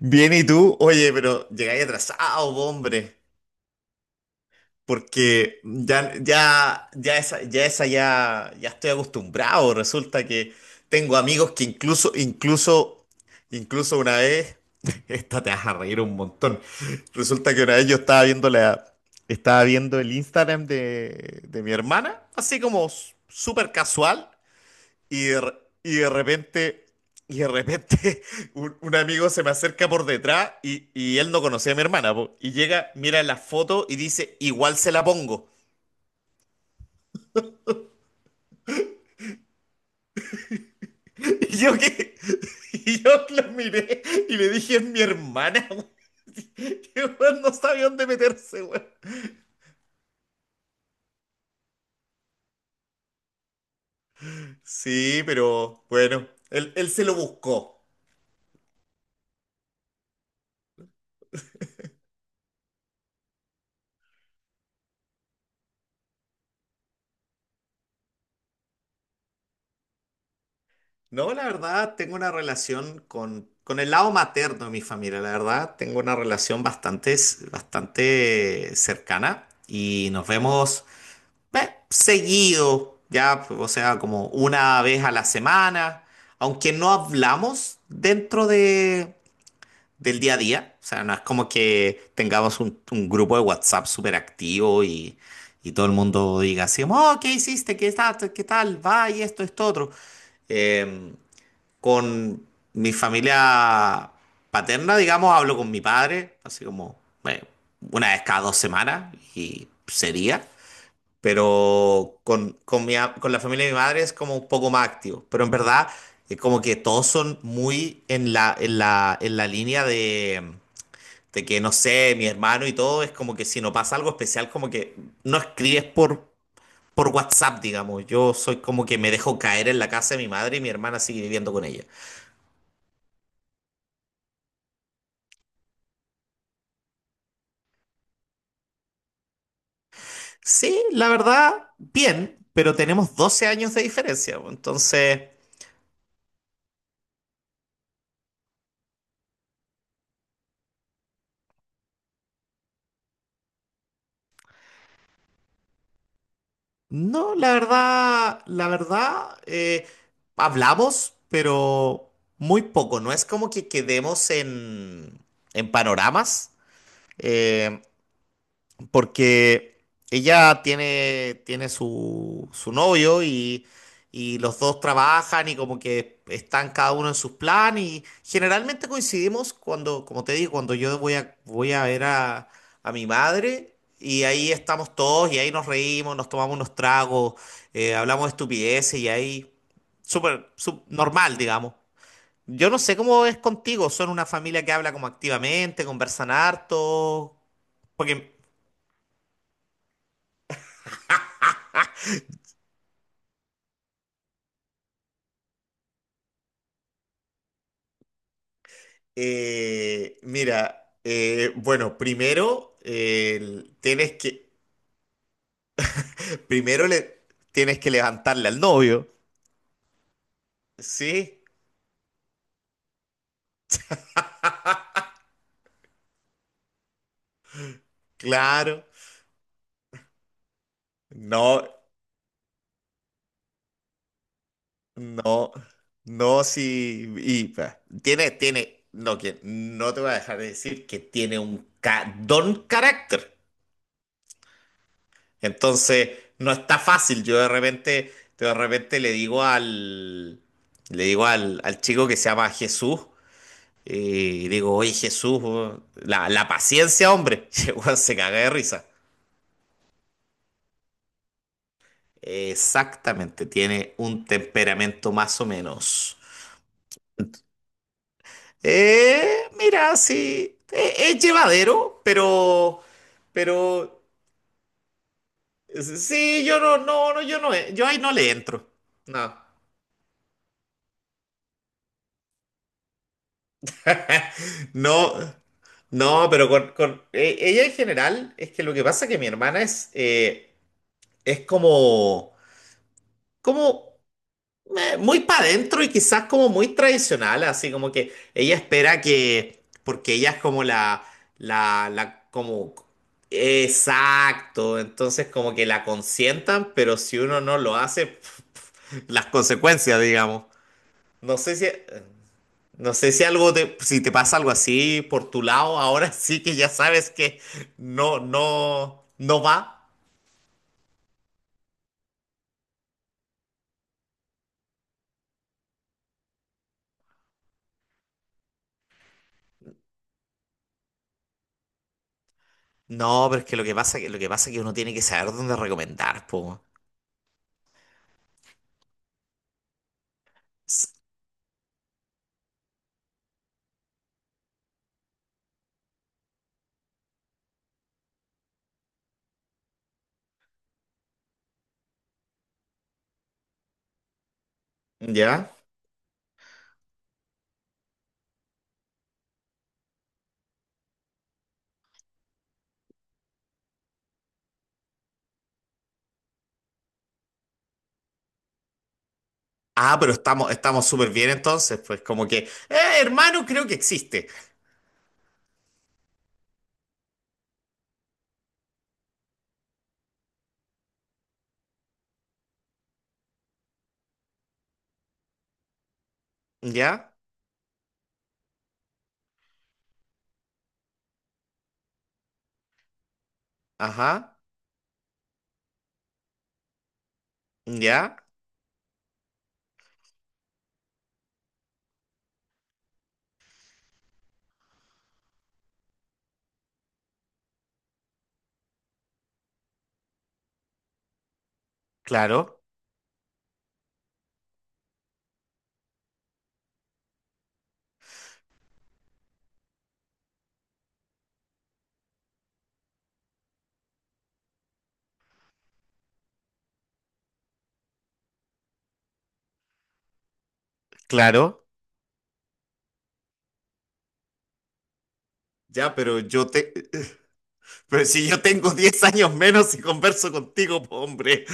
Bien, ¿y tú? Oye, pero llegáis atrasado, po, hombre, porque ya esa ya estoy acostumbrado. Resulta que tengo amigos que incluso una vez, esta te vas a reír un montón. Resulta que una vez yo estaba viendo el Instagram de mi hermana, así como súper casual. Y de, re- y de repente, y de repente, un amigo se me acerca por detrás y él no conocía a mi hermana, po. Y llega, mira la foto y dice, igual se la pongo. Y yo que, y yo lo miré y le dije, es mi hermana, weón. Que weón, no sabía dónde meterse, weón. Sí, pero bueno, él se lo buscó. No, la verdad, tengo una relación con el lado materno de mi familia. La verdad, tengo una relación bastante cercana y nos vemos, seguido, ya, o sea, como una vez a la semana, aunque no hablamos dentro del día a día. O sea, no es como que tengamos un grupo de WhatsApp súper activo y todo el mundo diga, así como, oh, ¿qué hiciste? ¿Qué tal? ¿Qué tal? Va y esto, otro. Em, con mi familia paterna, digamos, hablo con mi padre, así como, bueno, una vez cada 2 semanas y sería. Pero con la familia de mi madre es como un poco más activo. Pero en verdad, es como que todos son muy en la, en la línea de que, no sé, mi hermano y todo, es como que si no pasa algo especial, como que no escribes por WhatsApp, digamos. Yo soy como que me dejo caer en la casa de mi madre y mi hermana sigue viviendo con ella. Sí, la verdad, bien, pero tenemos 12 años de diferencia, bo. Entonces, no, la verdad, hablamos, pero muy poco. No es como que quedemos en panoramas. Eh, Porque ella tiene su novio y los dos trabajan, y como que están cada uno en sus planes, y generalmente coincidimos cuando, como te digo, cuando yo voy a ver a mi madre, y ahí estamos todos y ahí nos reímos, nos tomamos unos tragos, hablamos de estupideces y ahí súper normal, digamos. Yo no sé cómo es contigo, son una familia que habla como activamente, conversan harto, porque mira, bueno, primero, tienes que primero, le tienes que levantarle al novio. Sí, claro. No, no, no, sí. Y tiene, tiene, no, que no te voy a dejar de decir que tiene un don carácter. Entonces, no está fácil. Yo de repente le digo al chico, que se llama Jesús. Y digo, oye Jesús, weón, la paciencia, hombre. Y el weón se caga de risa. Exactamente, tiene un temperamento más o menos. Mira, sí, es llevadero, pero, sí, yo ahí no le entro. No. No, no, pero con, ella en general, es que lo que pasa es que mi hermana es como muy para adentro y quizás como muy tradicional. Así como que ella espera que, porque ella es como la, la, como, exacto, entonces como que la consientan. Pero si uno no lo hace, las consecuencias, digamos. No sé si, no sé si si te pasa algo así por tu lado, ahora sí que ya sabes que no va. No, pero es que lo que pasa, es que uno tiene que saber dónde recomendar, po. S- ¿Ya? Ah, pero estamos, estamos súper bien, entonces, pues, como que, hermano, creo que existe. Ya, ajá, ya, claro, claro. Ya, pero si yo tengo 10 años menos y converso contigo, po, hombre.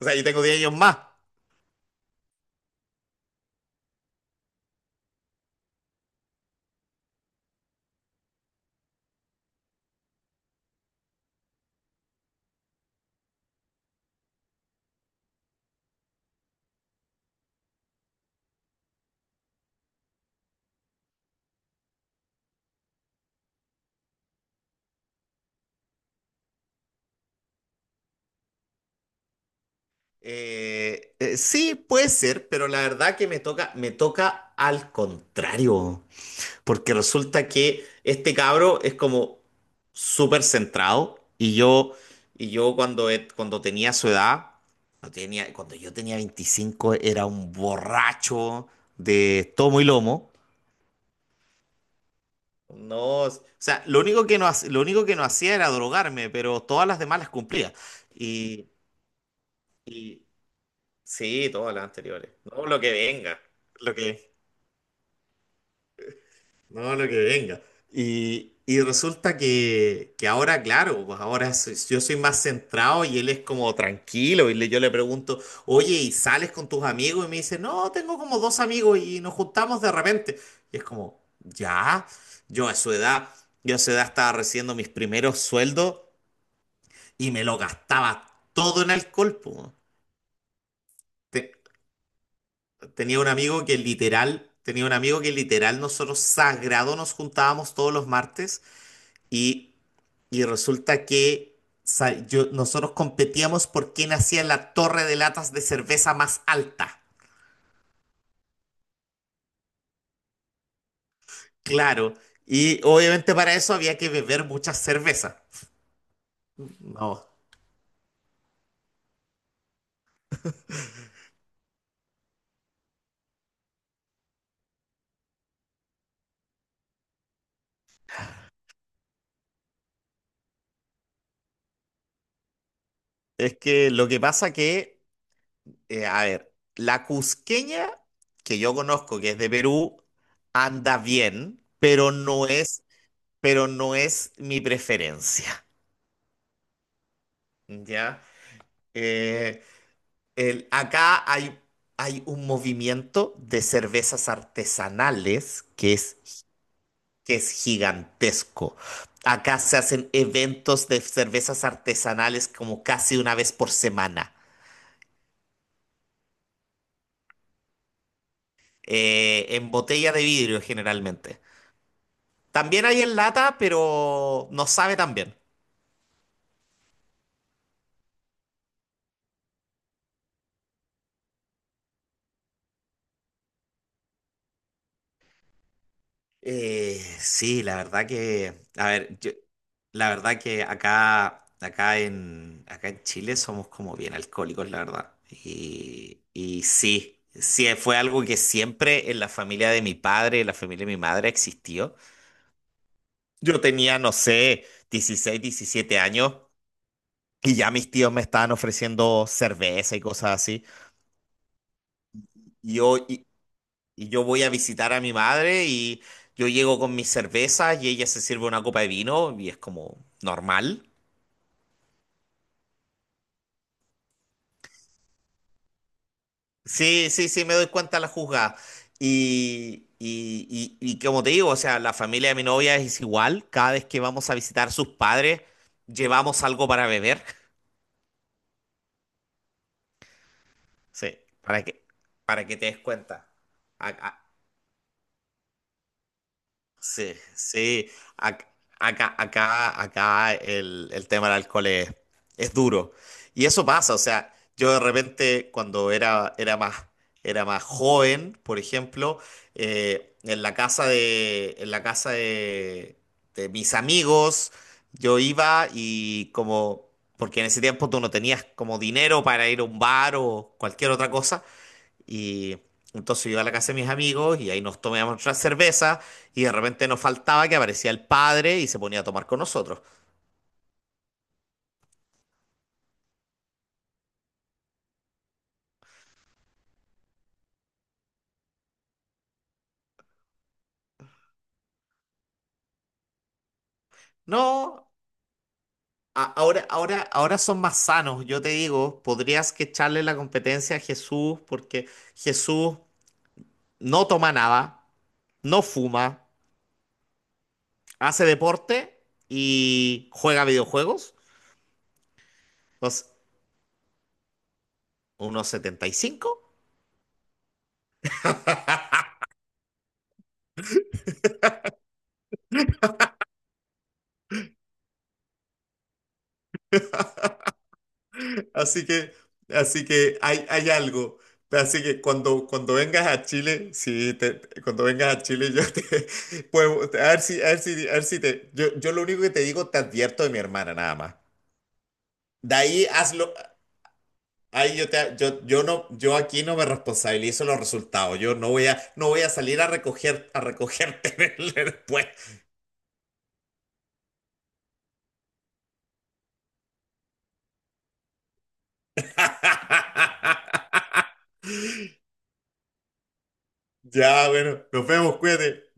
O sea, yo tengo 10 años más. Sí, puede ser, pero la verdad que me toca al contrario. Porque resulta que este cabro es como súper centrado, y cuando tenía su edad no tenía, cuando yo tenía 25 era un borracho de tomo y lomo. No, o sea, lo único que no, hac- lo único que no hacía era drogarme, pero todas las demás las cumplía. Y, y sí, todas las anteriores. No, lo que venga. Lo que, No, lo que venga. Y resulta que ahora, claro, pues ahora yo soy más centrado, y él es como tranquilo. Yo le pregunto, oye, ¿y sales con tus amigos? Y me dice, no, tengo como dos amigos y nos juntamos de repente. Y es como, ya, yo a su edad, yo a su edad estaba recibiendo mis primeros sueldos y me lo gastaba todo en alcohol, po. Te- Tenía un amigo que literal, nosotros, sagrado, nos juntábamos todos los martes. y Y resulta que nosotros competíamos por quién hacía la torre de latas de cerveza más alta. Claro. Y obviamente para eso había que beber mucha cerveza. No. Es que lo que pasa que, a ver, la cusqueña que yo conozco, que es de Perú, anda bien, pero no es mi preferencia. ¿Ya? Eh, Acá hay un movimiento de cervezas artesanales que es gigantesco. Acá se hacen eventos de cervezas artesanales como casi una vez por semana, en botella de vidrio generalmente. También hay en lata, pero no sabe tan bien. Eh, sí, la verdad que, acá, acá en Chile somos como bien alcohólicos, la verdad. Y sí, sí, fue algo que siempre en la familia de mi padre, en la familia de mi madre, existió. Yo tenía, no sé, 16, 17 años y ya mis tíos me estaban ofreciendo cerveza y cosas así. Yo Y yo voy a visitar a mi madre y yo llego con mis cervezas, y ella se sirve una copa de vino y es como normal. Sí, sí, sí, me doy cuenta la juzgada. Y como te digo, o sea, la familia de mi novia es igual. Cada vez que vamos a visitar sus padres, llevamos algo para beber. Sí, para que te des cuenta. A- a- Sí, sí. Ac- acá, el tema del alcohol es duro. Y eso pasa, o sea, yo de repente cuando era más joven, por ejemplo, en la casa de, de mis amigos, yo iba y como, porque en ese tiempo tú no tenías como dinero para ir a un bar o cualquier otra cosa. Y entonces yo iba a la casa de mis amigos y ahí nos tomábamos nuestras cervezas, y de repente nos faltaba que aparecía el padre y se ponía a tomar con nosotros. No, ahora son más sanos, yo te digo, podrías que echarle la competencia a Jesús, porque Jesús no toma nada, no fuma, hace deporte y juega videojuegos. Entonces, unos 75. Así que, Así que hay algo. Así que cuando vengas a Chile, sí, te- te- cuando vengas a Chile, yo te puedo, a ver si, a ver si te, yo lo único que te digo, te advierto de mi hermana nada más. De ahí hazlo, ahí yo te, yo no, yo aquí no me responsabilizo los resultados. Yo no voy a salir a recogerte después. Ya, bueno, nos vemos, cuídate.